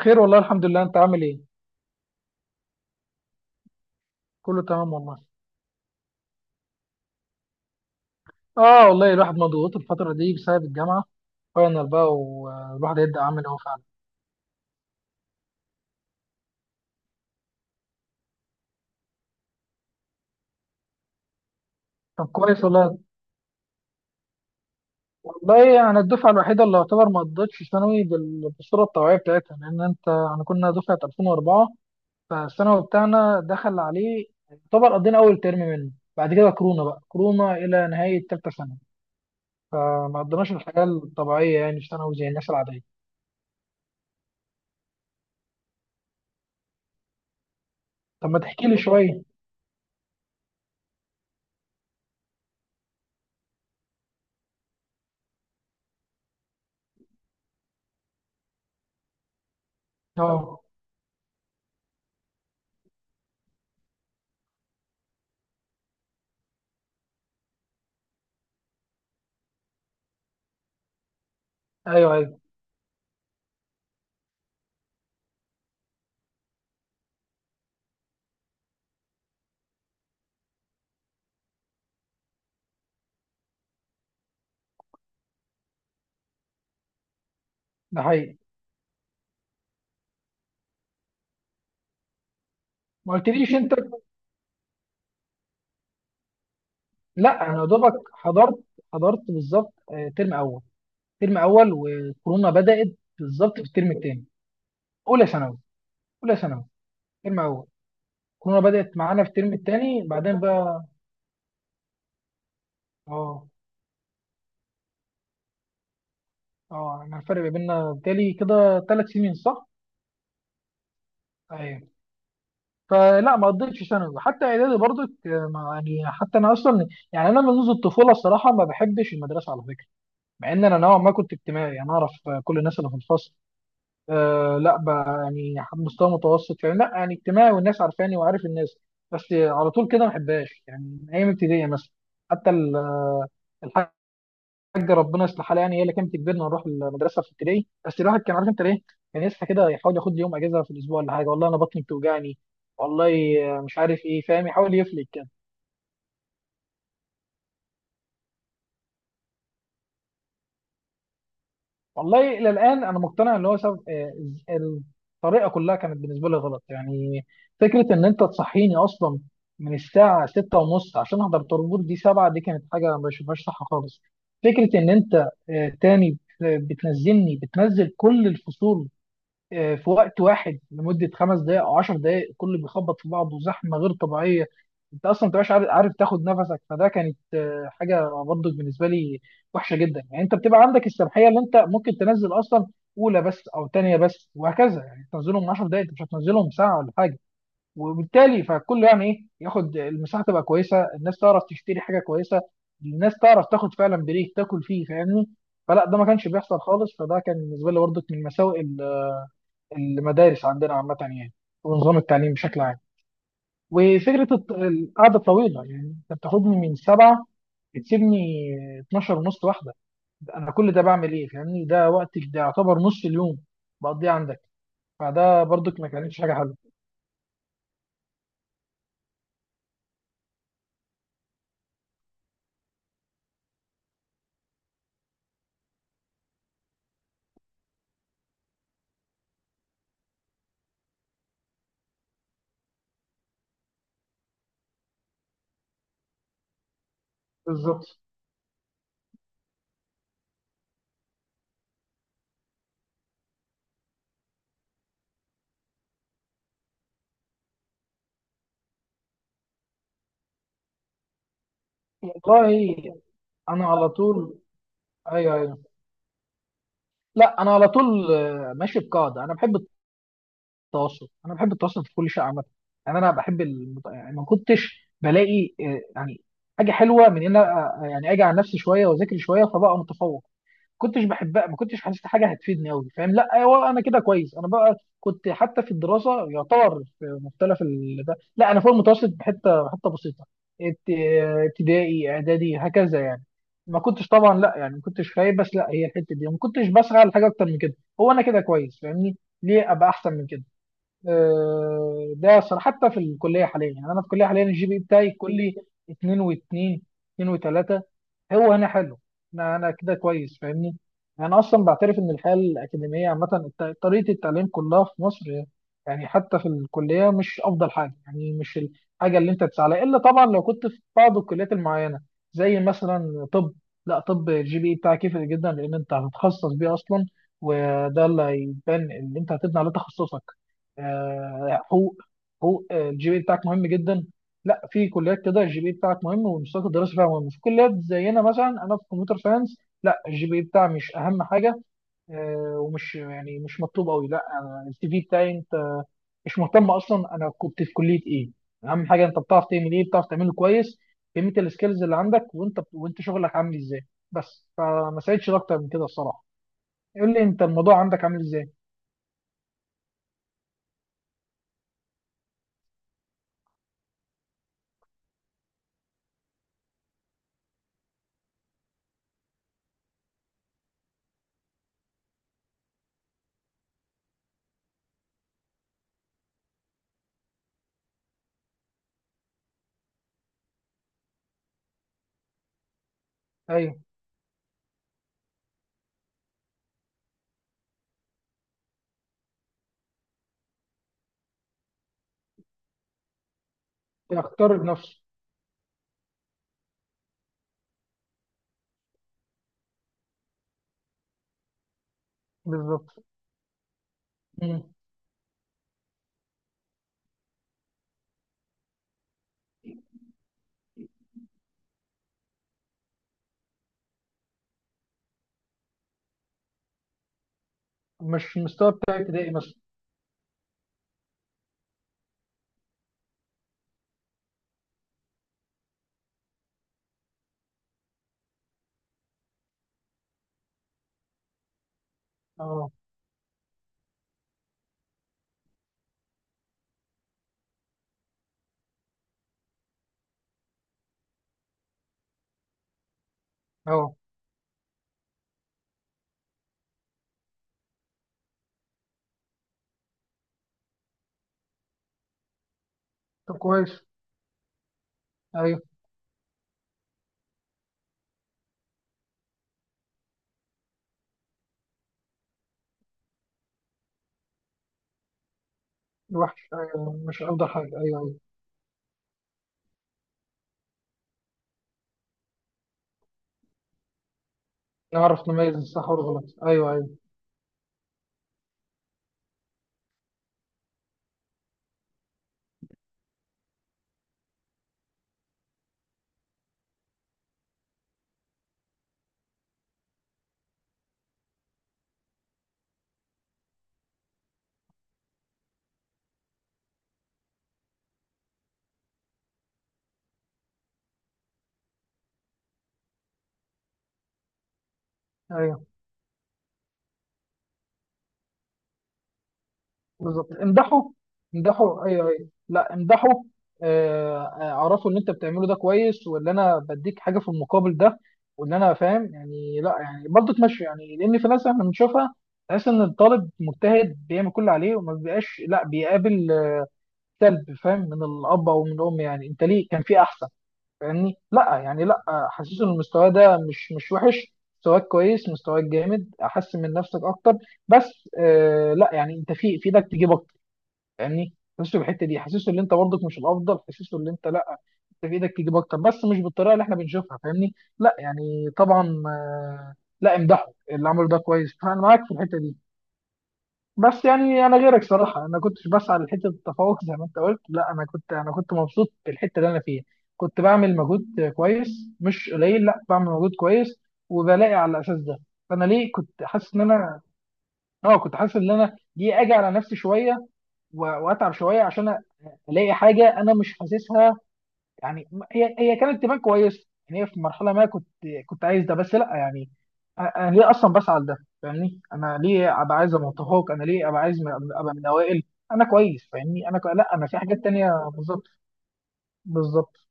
خير والله الحمد لله. انت عامل ايه؟ كله تمام والله. اه والله الواحد مضغوط الفتره دي بسبب الجامعه، فاينل بقى والواحد هيبدا عامل اهو فعلا. طب كويس والله. والله انا الدفعه الوحيده اللي يعتبر ما قضتش ثانوي بالصوره الطبيعيه بتاعتها، لان انت احنا كنا دفعه 2004، فالثانوي بتاعنا دخل عليه يعتبر قضينا اول ترم منه، بعد كده كورونا بقى، كورونا الى نهايه ثالثه ثانوي، فما قضيناش الحياه الطبيعيه يعني في ثانوي زي الناس العاديه. طب ما تحكي لي شويه. اه. ايوه ايوه. ده حقيقي. ما قلتليش انت. لا انا يا دوبك حضرت، بالظبط، ترم اول، ترم اول وكورونا بدات. بالظبط في الترم الثاني. اولى ثانوي، اولى ثانوي، ترم اول. كورونا بدات معانا في الترم الثاني بعدين بقى. اه. اه انا الفرق ما بيننا بالتالي كده 3 سنين صح؟ ايوه. فلا ما قضيتش ثانوي حتى اعدادي برضك، يعني حتى انا اصلا، يعني انا منذ الطفوله الصراحه ما بحبش المدرسه على فكره. مع ان انا نوعا ما كنت اجتماعي، انا اعرف كل الناس اللي في الفصل. آه لا بقى يعني مستوى متوسط، يعني لا يعني اجتماعي والناس عارفاني وعارف الناس. بس على طول كده ما بحبهاش يعني من ايام ابتدائي مثلا. حتى الحاجه، ربنا يصلحها، يعني هي اللي كانت تجبرنا نروح المدرسه في ابتدائي. بس الواحد كان عارف انت ليه، كان يصحى كده يحاول ياخد لي يوم اجازه في الاسبوع ولا حاجه، والله انا بطني بتوجعني، والله مش عارف ايه، فاهم، يحاول يفلك. والله الى الان انا مقتنع ان هو سبب، ال- الطريقه كلها كانت بالنسبه لي غلط يعني. فكره ان انت تصحيني اصلا من الساعه 6 ونص عشان احضر طابور دي 7، دي كانت حاجه ما بشوفهاش صح خالص. فكره ان انت تاني بتنزلني، بتنزل كل الفصول في وقت واحد لمده 5 دقائق او 10 دقائق، كله بيخبط في بعضه زحمه غير طبيعيه، انت اصلا ما بتبقاش عارف، تاخد نفسك. فده كانت حاجه برضه بالنسبه لي وحشه جدا. يعني انت بتبقى عندك السماحيه اللي انت ممكن تنزل اصلا اولى بس او ثانيه بس وهكذا، يعني تنزلهم 10 دقائق انت مش هتنزلهم ساعه ولا حاجه، وبالتالي فكل يعني ايه، ياخد المساحه تبقى كويسه، الناس تعرف تشتري حاجه كويسه، الناس تعرف تاخد فعلا بريك تاكل فيه، فاهمني. فلا ده ما كانش بيحصل خالص، فده كان بالنسبه لي برضه من مساوئ المدارس عندنا عامة يعني، ونظام التعليم بشكل عام. وفكرة القعدة الطويلة، يعني أنت بتاخدني من 7 بتسيبني 12 ونص واحدة، أنا كل ده بعمل إيه فاهمني، ده وقتك ده يعتبر نص اليوم بقضيه عندك، فده برضك ما كانتش حاجة حلوة. بالظبط والله. أنا على طول. أيوه أيوه. لا أنا على طول ماشي بقاعدة. أنا بحب التواصل، انا بحب التواصل في كل شيء عامه. يعني يعني ما كنتش بلاقي يعني حاجه حلوه من ان أنا، يعني اجي على نفسي شويه واذاكر شويه فبقى متفوق. كنتش بحبها، ما كنتش حاسس حاجه هتفيدني قوي فاهم، لا ايوه انا كده كويس. انا بقى كنت حتى في الدراسه يعتبر ده لا انا فوق المتوسط بحته، حته بسيطه. ابتدائي اعدادي هكذا يعني، ما كنتش طبعا لا يعني ما كنتش خايب، بس لا هي الحته دي ما كنتش بسعى لحاجه اكتر من كده. هو انا كده كويس فاهمني، ليه ابقى احسن من كده؟ ده أصلا حتى في الكلية حاليا، يعني أنا في الكلية حاليا الجي بي بتاعي كلي 2 و2، 2 و3، هو هنا حلو. أنا كده كويس فاهمني. أنا أصلا بعترف إن الحياة الأكاديمية عامة، طريقة التعليم كلها في مصر، يعني حتى في الكلية مش أفضل حاجة، يعني مش الحاجة اللي أنت تسعى لها، إلا طبعا لو كنت في بعض الكليات المعينة زي مثلا طب. لا طب الجي بي إيه بتاعك يفرق جدا لأن أنت هتتخصص بيه أصلا، وده اللي هيبان، اللي أنت هتبني على تخصصك. حقوق، حقوق الجي بي بتاعك مهم جدا. لا في كليات كده الجي بي بتاعك مهم والمستوى الدراسي فيها مهم، في كليات زينا مثلا انا في كمبيوتر ساينس، لا الجي بي بتاعي مش اهم حاجه ومش يعني مش مطلوب قوي. لا أنا السي في بتاعي، انت مش مهتم اصلا انا كنت في كليه ايه، اهم حاجه انت بتعرف تعمل ايه، بتعرف تعمله كويس، قيمه السكيلز اللي عندك، وانت شغلك عامل ازاي. بس فما ساعدش اكتر من كده الصراحه. قول لي انت الموضوع عندك عامل ازاي. ايوه. يختار بنفسه. بالظبط. مش المستوى بتاع ابتدائي مثلا. اه. اه. طب كويس. ايوه. الوحش، ايوه مش افضل حاجه، ايوه ايوه. نعرف نميز الصح والغلط، ايوه ايوه. ايوه بالظبط. امدحوا، امدحوا، ايوه ايوه، لا امدحوا. اعرفوا ان انت بتعمله ده كويس، ولا انا بديك حاجه في المقابل، ده ولا انا فاهم يعني، لا يعني برضه تمشي. يعني لان في ناس احنا بنشوفها، تحس ان الطالب مجتهد بيعمل كل اللي عليه وما بيبقاش لا بيقابل سلب، فاهم، من الاب او من الام، يعني انت ليه كان في احسن، فاهمني لا يعني لا. حاسس ان المستوى ده مش وحش، مستواك كويس، مستواك جامد، احسن من نفسك اكتر بس، آه لا يعني انت في ايدك تجيب اكتر، فاهمني. حاسسه بالحته دي، حاسسه ان انت برضك مش الافضل، حاسسه ان انت لا، انت في ايدك تجيب اكتر بس مش بالطريقه اللي احنا بنشوفها، فاهمني، لا يعني طبعا آه، لا امدحه اللي عمله ده كويس، فانا معاك في الحته دي. بس يعني انا غيرك صراحه، انا كنتش بسعى لحته التفوق زي ما انت قلت، لا انا كنت، انا كنت مبسوط بالحته اللي انا فيها. كنت بعمل مجهود كويس، مش قليل، لا بعمل مجهود كويس وبلاقي على الاساس ده. فانا ليه كنت حاسس ان انا، اه كنت حاسس ان انا ليه اجي على نفسي شويه واتعب شويه عشان الاقي حاجه انا مش حاسسها. يعني هي كانت تبان كويسه يعني، هي في مرحله ما كنت، كنت عايز ده، بس لا يعني انا ليه اصلا بسعى لده، فاهمني، انا ليه ابقى عايز ابقى متفوق، انا ليه ابقى عايز ابقى من الاوائل. انا كويس فاهمني، لا انا في حاجات تانية. بالظبط. بالظبط.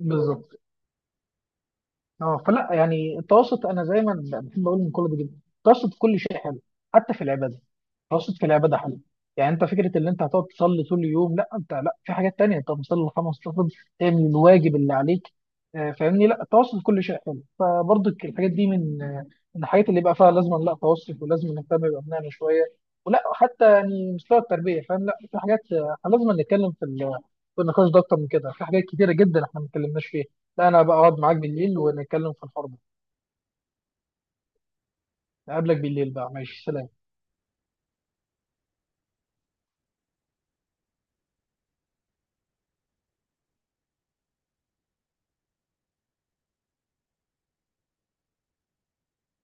بالظبط. اه فلا يعني التوسط، انا زي ما بحب اقول من كل ده جدا، التوسط في كل شيء حلو، حتى في العباده. التوسط في العباده حلو، يعني انت فكره ان انت هتقعد تصلي طول اليوم، لا انت لا في حاجات تانية، انت بتصلي الخمس ركعات، تعمل الواجب اللي عليك، فاهمني. لا التوسط في كل شيء حلو، فبرضك الحاجات دي من الحاجات اللي يبقى فيها لازم لا توسط، ولازم نهتم بابنائنا شويه، ولا حتى يعني مستوى التربيه، فاهم. لا في حاجات لازم نتكلم في النقاش ده اكتر من كده، في حاجات كتيره جدا احنا ما اتكلمناش فيها. لا انا بقعد معاك بالليل ونتكلم في الحوار ده. اقابلك بالليل بقى، ماشي سلام.